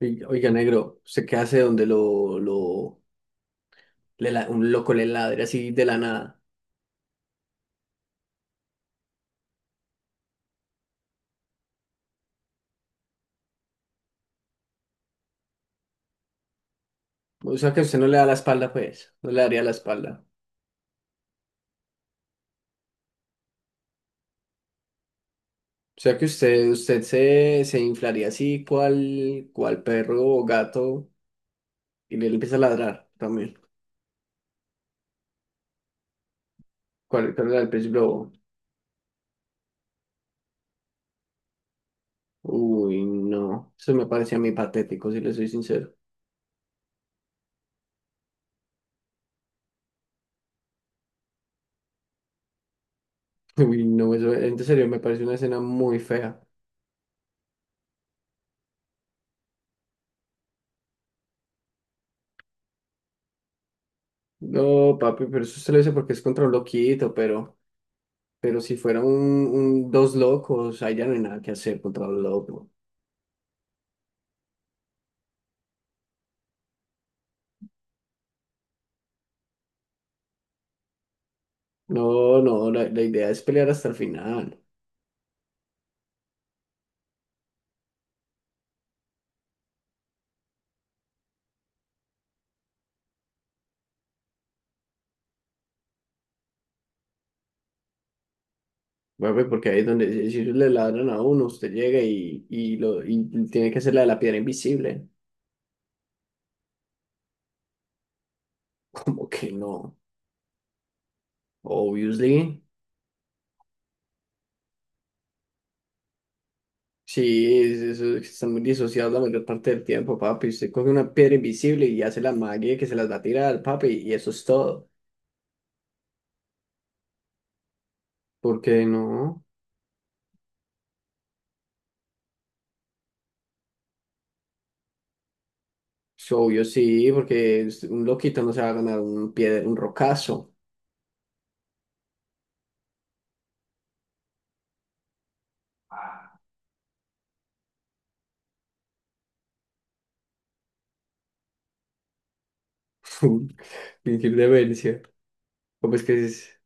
Ey, oiga, negro, ¿usted qué hace donde un loco le ladre así de la nada? O sea que usted no le da la espalda, pues, no le daría la espalda. O sea que usted se inflaría así, cual perro o gato, y le empieza a ladrar también. ¿Cuál era el pez globo? Uy, no, eso me parece a mí patético, si le soy sincero. Uy, no, eso, en serio, me parece una escena muy fea. No, papi, pero eso usted lo dice porque es contra un loquito, pero... Pero si fuera dos locos, ahí ya no hay nada que hacer contra un loco. No, no, la idea es pelear hasta el final. Bueno, pues, porque ahí es donde si ellos le ladran a uno, usted llega y tiene que hacer la de la piedra invisible. Como que no, obviously. Sí, es que están muy disociados la mayor parte del tiempo, papi. Usted coge una piedra invisible y hace la magia que se las va a tirar, papi, y eso es todo. ¿Por qué no? Es obvio, sí, porque un loquito no se va a ganar un rocazo. Fingir demencia. ¿Cómo es que es?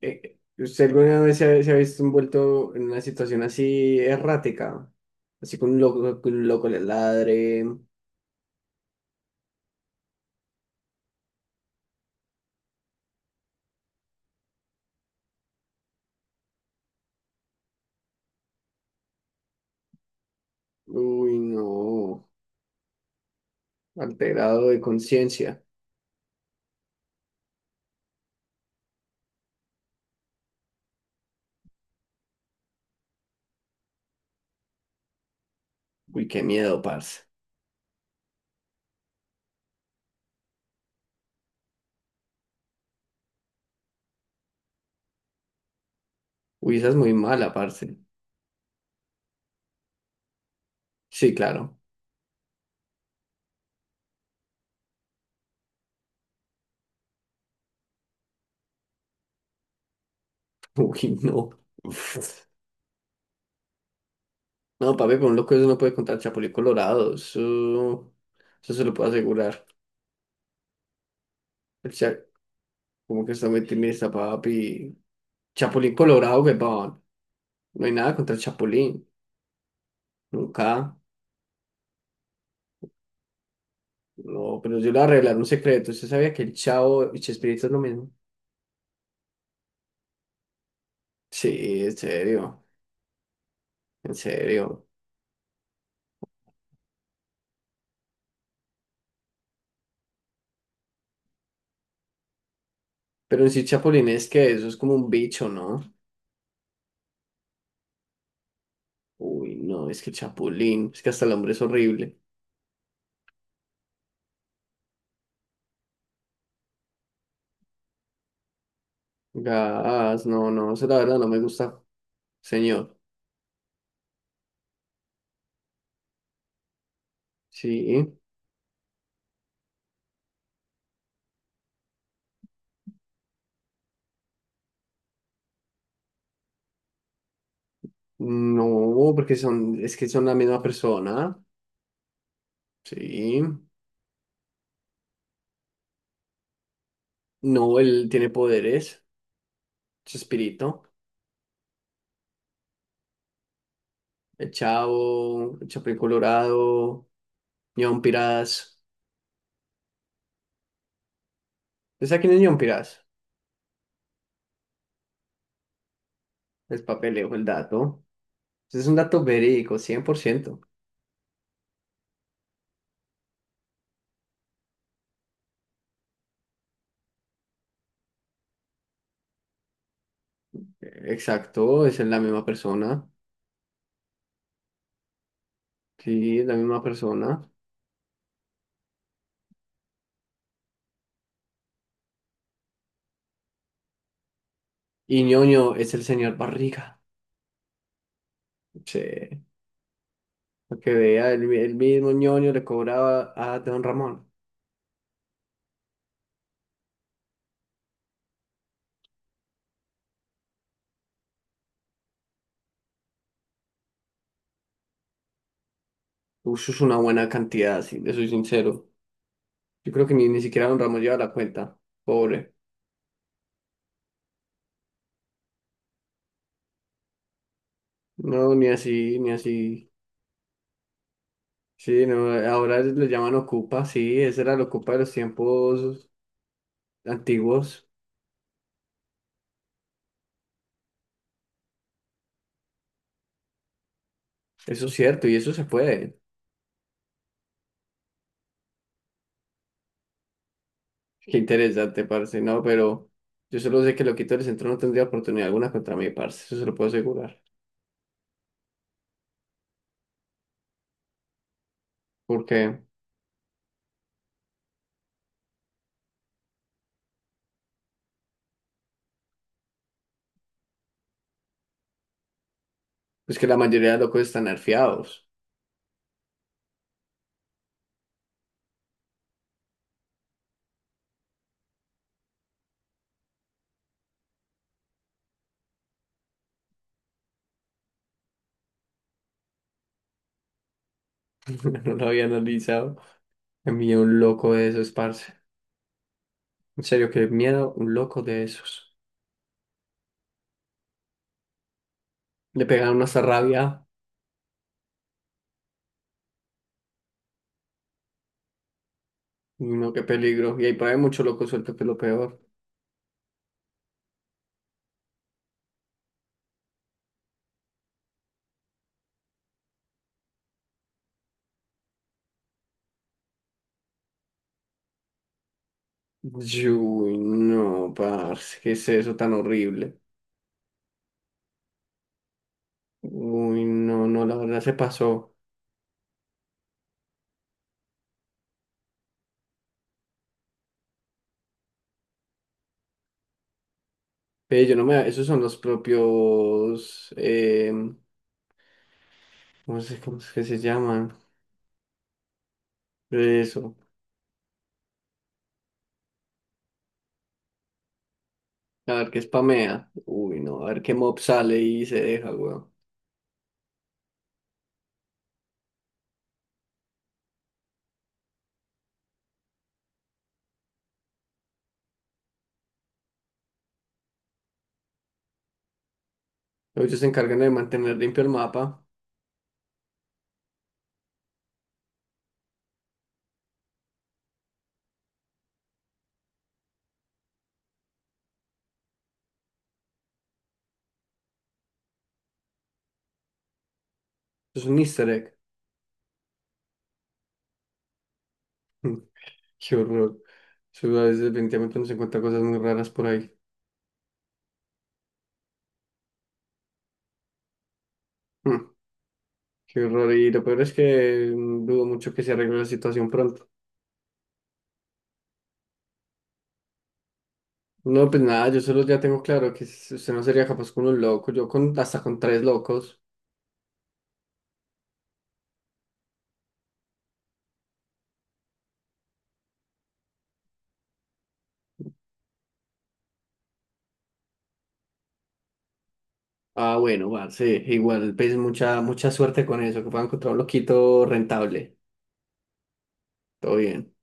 ¿Usted alguna vez se ha visto envuelto en una situación así errática? Así con un loco le ladre. Uy, no. Alterado de conciencia. Uy, qué miedo, parce. Uy, esa es muy mala, parce. Sí, claro. Uy, no. Uf. No, papi, con un loco eso no puede contar Chapulín Colorado. Eso se lo puedo asegurar. El, cha- Como que está muy timista, papi. Chapulín Colorado, weón. No hay nada contra el Chapulín. Nunca. No, pero yo le voy a revelar un secreto. ¿Usted sabía que el Chavo y Chespirito es lo mismo? Sí, en serio. En serio. Pero en sí, Chapulín es que eso es como un bicho, ¿no? Uy, no, es que Chapulín. Es que hasta el hombre es horrible. Gas, no, no, eso la verdad no me gusta, señor. Sí. No, porque son, es que son la misma persona. Sí. No, él tiene poderes. Chespirito, el Chavo, el Chapulín Colorado, Ñon Pirás. ¿Usted sabe quién es Ñon Pirás? El papeleo, el dato. Ese es un dato verídico, 100%. Exacto, esa es la misma persona. Sí, es la misma persona. Y Ñoño es el señor Barriga. Sí, para que vea, el mismo Ñoño le cobraba a Don Ramón. Uy, eso es una buena cantidad, sí, le soy sincero. Yo creo que ni siquiera Don Ramón lleva la cuenta. Pobre. No, ni así, ni así. Sí, no, ahora le llaman Ocupa, sí, esa era la Ocupa de los tiempos antiguos. Eso es cierto, y eso se puede. Qué interesante, parce, no, pero yo solo sé que el loquito del centro no tendría oportunidad alguna contra mí, parce, eso se lo puedo asegurar. Porque es que la mayoría de locos están nerfeados. No lo había analizado. A mí un loco de esos, parce. En serio, qué miedo, un loco de esos. Le pegan una rabia, no, qué peligro. Y ahí por ahí mucho loco suelto, que es lo peor. Uy, no, parce, ¿qué es eso tan horrible? Uy, no, no, la verdad se pasó. Yo no me, esos son los propios, no sé cómo es que se llaman, eso, a ver qué spamea. Uy, no, a ver qué mob sale y se deja, weón. Ellos se encargan de mantener limpio el mapa, eso es un easter egg. Qué horror. Eso a veces definitivamente uno se encuentra cosas muy raras por ahí. Mm, qué horror, y lo peor es que mm, dudo mucho que se arregle la situación pronto. No, pues nada, yo solo ya tengo claro que usted no sería capaz con un loco, yo con hasta con 3 locos. Ah, bueno, parce, igual, pues mucha suerte con eso, que pueda encontrar un loquito rentable. Todo bien.